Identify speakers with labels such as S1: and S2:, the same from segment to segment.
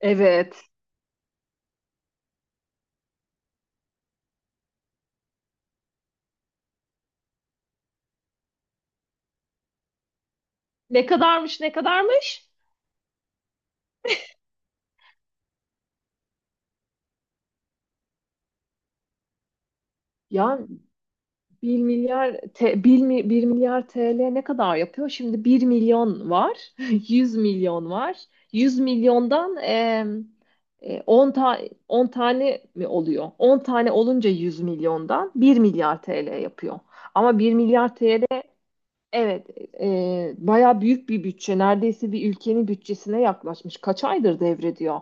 S1: Evet. Ne kadarmış? Ya bir milyar 1, 1 milyar TL ne kadar yapıyor? Şimdi bir milyon var. Yüz milyon var. 100 milyondan e, 10 ta 10 tane mi oluyor? 10 tane olunca 100 milyondan bir milyar TL yapıyor. Ama bir milyar TL, evet, baya büyük bir bütçe. Neredeyse bir ülkenin bütçesine yaklaşmış. Kaç aydır devrediyor?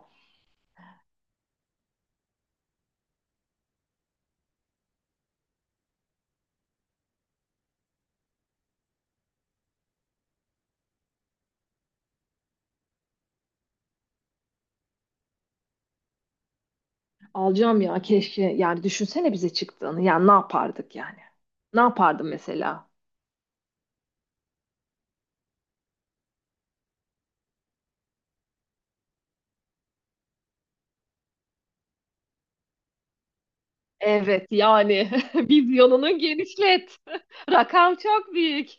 S1: Alacağım ya, keşke. Yani düşünsene bize çıktığını, yani ne yapardık yani? Ne yapardım mesela? Evet yani, vizyonunu genişlet. Rakam çok büyük.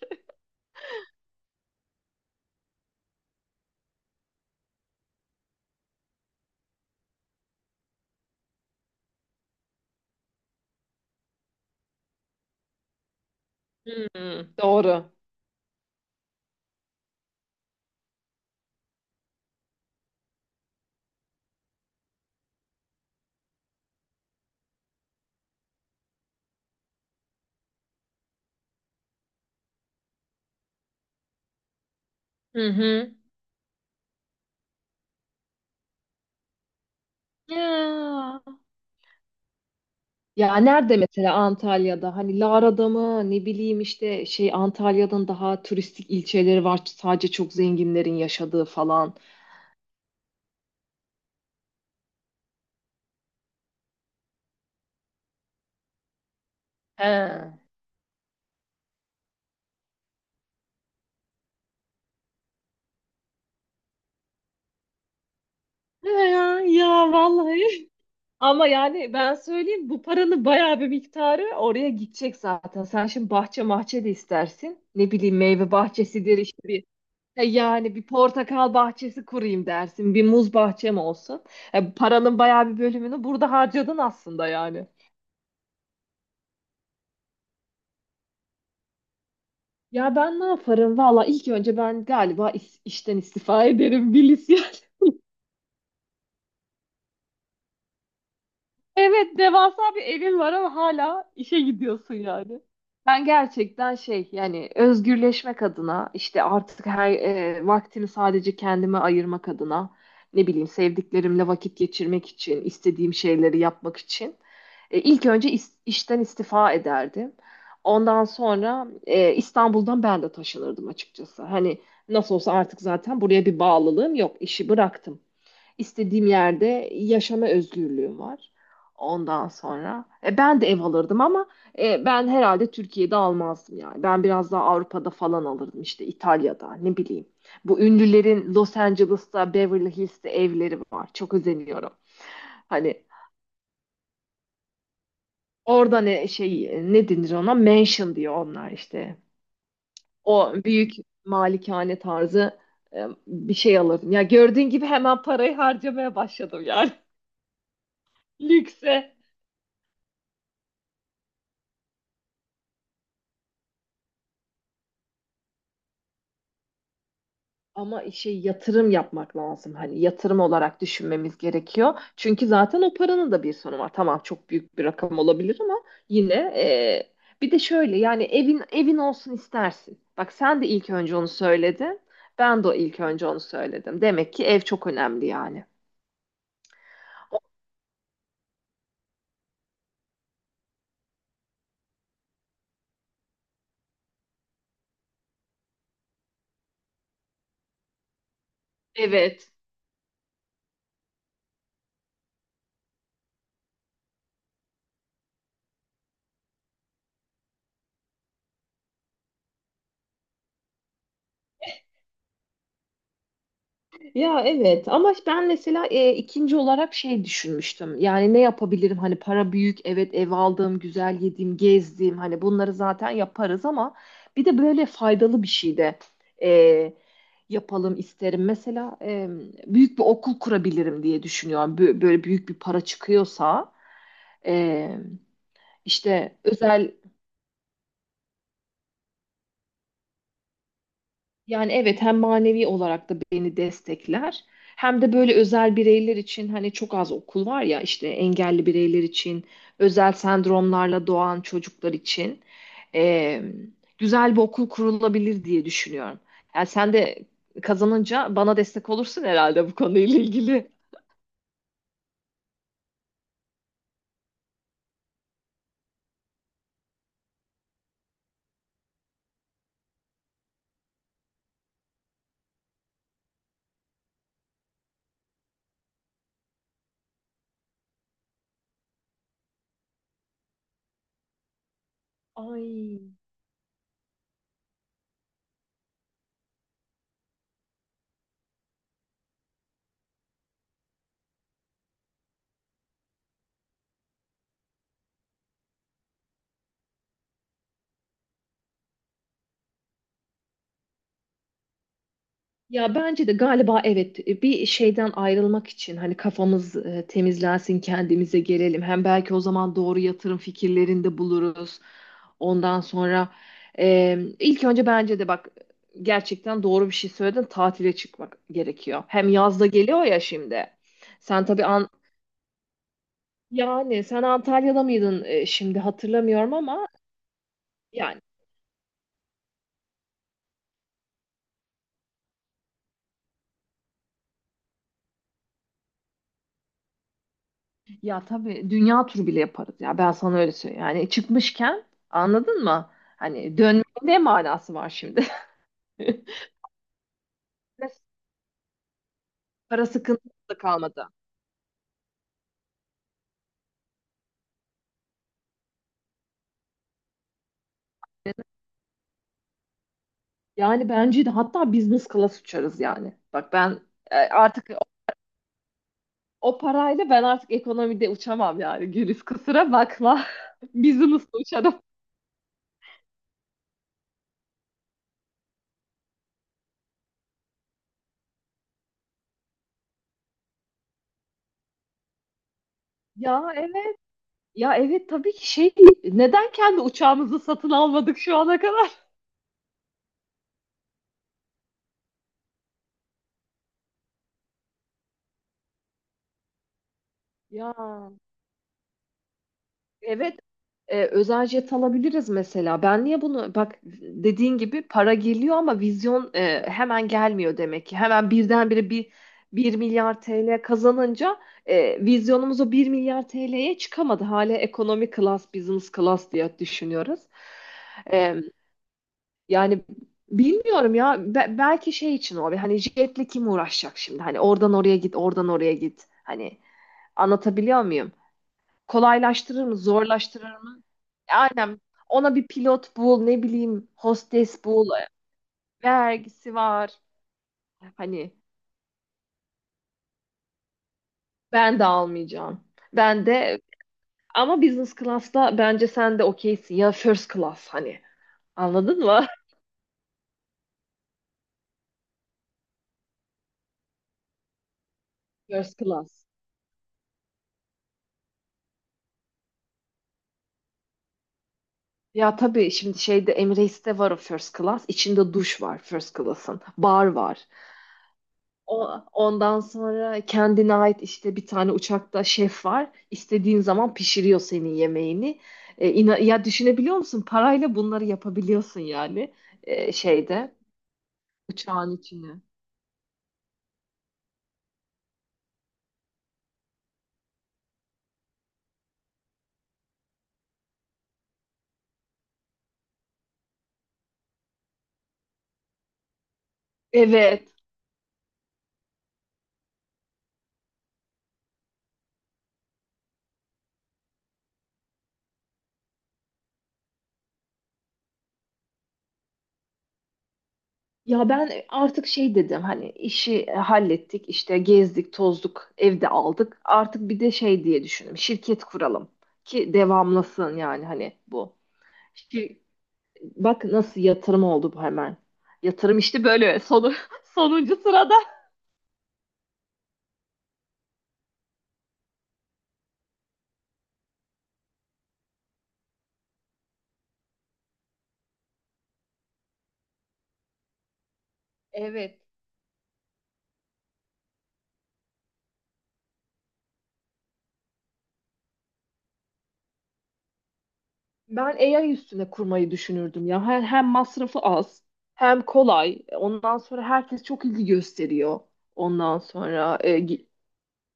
S1: Hmm, doğru. Hı hı. Ya. Ya nerede mesela Antalya'da, hani Lara'da mı, ne bileyim, işte şey, Antalya'nın daha turistik ilçeleri var, sadece çok zenginlerin yaşadığı falan. He. He. Ya, ya vallahi, ama yani ben söyleyeyim, bu paranın bayağı bir miktarı oraya gidecek zaten. Sen şimdi bahçe mahçe de istersin. Ne bileyim, meyve bahçesidir işte, bir e yani bir portakal bahçesi kurayım dersin. Bir muz bahçem olsun. Paranın bayağı bir bölümünü burada harcadın aslında yani. Ya ben ne yaparım? Valla ilk önce ben galiba işten istifa ederim Bilis ya. Evet, devasa bir evin var ama hala işe gidiyorsun yani. Ben gerçekten şey, yani özgürleşmek adına, işte artık her vaktimi sadece kendime ayırmak adına, ne bileyim, sevdiklerimle vakit geçirmek için, istediğim şeyleri yapmak için, ilk önce işten istifa ederdim. Ondan sonra İstanbul'dan ben de taşınırdım açıkçası. Hani nasıl olsa artık zaten buraya bir bağlılığım yok, işi bıraktım. İstediğim yerde yaşama özgürlüğüm var. Ondan sonra ben de ev alırdım, ama ben herhalde Türkiye'de almazdım yani. Ben biraz daha Avrupa'da falan alırdım, işte İtalya'da, ne bileyim. Bu ünlülerin Los Angeles'ta, Beverly Hills'te evleri var. Çok özeniyorum. Hani orada ne şey, ne denir ona? Mansion diyor onlar işte. O büyük malikane tarzı bir şey alırdım. Ya gördüğün gibi hemen parayı harcamaya başladım yani. Lükse. Ama şey, yatırım yapmak lazım. Hani yatırım olarak düşünmemiz gerekiyor. Çünkü zaten o paranın da bir sonu var. Tamam, çok büyük bir rakam olabilir ama yine bir de şöyle, yani evin olsun istersin. Bak, sen de ilk önce onu söyledin. Ben de ilk önce onu söyledim. Demek ki ev çok önemli yani. Evet. Ya evet, ama ben mesela ikinci olarak şey düşünmüştüm. Yani ne yapabilirim? Hani para büyük, evet, ev aldım, güzel yedim, gezdim. Hani bunları zaten yaparız ama bir de böyle faydalı bir şey de e, yapalım isterim. Mesela büyük bir okul kurabilirim diye düşünüyorum. Böyle büyük bir para çıkıyorsa, e, işte özel. Yani evet, hem manevi olarak da beni destekler, hem de böyle özel bireyler için, hani çok az okul var ya, işte engelli bireyler için, özel sendromlarla doğan çocuklar için eee, güzel bir okul kurulabilir diye düşünüyorum. Yani sen de kazanınca bana destek olursun herhalde bu konuyla ilgili. Ay. Ya bence de galiba evet, bir şeyden ayrılmak için hani kafamız temizlensin, kendimize gelelim. Hem belki o zaman doğru yatırım fikirlerinde buluruz. Ondan sonra ilk önce bence de, bak, gerçekten doğru bir şey söyledin, tatile çıkmak gerekiyor. Hem yazda geliyor ya şimdi. Sen tabii an, yani sen Antalya'da mıydın, şimdi hatırlamıyorum ama yani. Ya tabii, dünya turu bile yaparız ya, ben sana öyle söyleyeyim. Yani çıkmışken, anladın mı? Hani dönmenin ne manası var şimdi? Para sıkıntısı da kalmadı. Yani bence de hatta business class uçarız yani. Bak ben, e, artık o, o parayla ben artık ekonomide uçamam yani. Güliz, kusura bakma. Business'la uçarım. Ya evet. Ya evet, tabii ki şey, neden kendi uçağımızı satın almadık şu ana kadar? Ya, evet, özel jet alabiliriz mesela. Ben niye bunu, bak dediğin gibi, para geliyor ama vizyon hemen gelmiyor demek ki. Hemen birdenbire bir milyar TL kazanınca vizyonumuz o 1 milyar TL'ye çıkamadı. Hala ekonomi class, business class diye düşünüyoruz. E, yani bilmiyorum ya, belki şey için, o hani jetle kim uğraşacak şimdi? Hani oradan oraya git, oradan oraya git. Hani anlatabiliyor muyum? Kolaylaştırır mı? Zorlaştırır mı? Aynen. Ona bir pilot bul, ne bileyim, hostes bul. Vergisi var. Hani ben de almayacağım. Ben de, ama business class'ta bence sen de okeysin ya, first class hani. Anladın mı? First class. Ya tabii, şimdi şeyde, Emirates'te var o first class. İçinde duş var first class'ın. Bar var. Ondan sonra kendine ait işte, bir tane uçakta şef var. İstediğin zaman pişiriyor senin yemeğini. E, ya düşünebiliyor musun? Parayla bunları yapabiliyorsun yani, e, şeyde uçağın içine. Evet. Ya ben artık şey dedim, hani işi hallettik, işte gezdik tozduk, evde aldık. Artık bir de şey diye düşündüm, şirket kuralım ki devamlasın yani hani bu. Şir- Bak nasıl yatırım oldu bu hemen. Yatırım işte böyle sonu, sonuncu sırada. Evet. Ben AI üstüne kurmayı düşünürdüm ya. Hem masrafı az, hem kolay. Ondan sonra herkes çok ilgi gösteriyor. Ondan sonra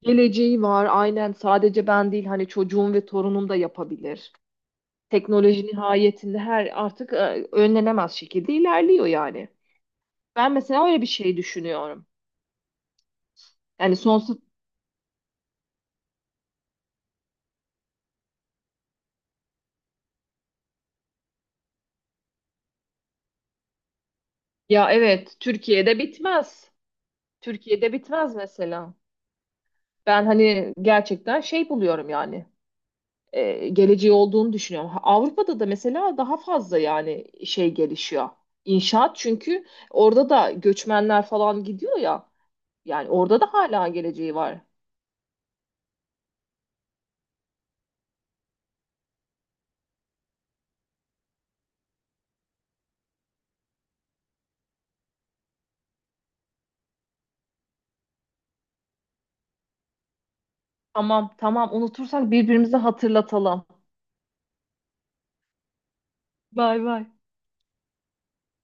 S1: geleceği var. Aynen, sadece ben değil, hani çocuğum ve torunum da yapabilir. Teknoloji nihayetinde her artık, önlenemez şekilde ilerliyor yani. Ben mesela öyle bir şey düşünüyorum. Yani sonsuz. Ya evet, Türkiye'de bitmez. Türkiye'de bitmez mesela. Ben hani gerçekten şey buluyorum yani, geleceği olduğunu düşünüyorum. Ha, Avrupa'da da mesela daha fazla yani şey gelişiyor. İnşaat, çünkü orada da göçmenler falan gidiyor ya. Yani orada da hala geleceği var. Tamam, tamam, unutursak birbirimize hatırlatalım. Bay bay.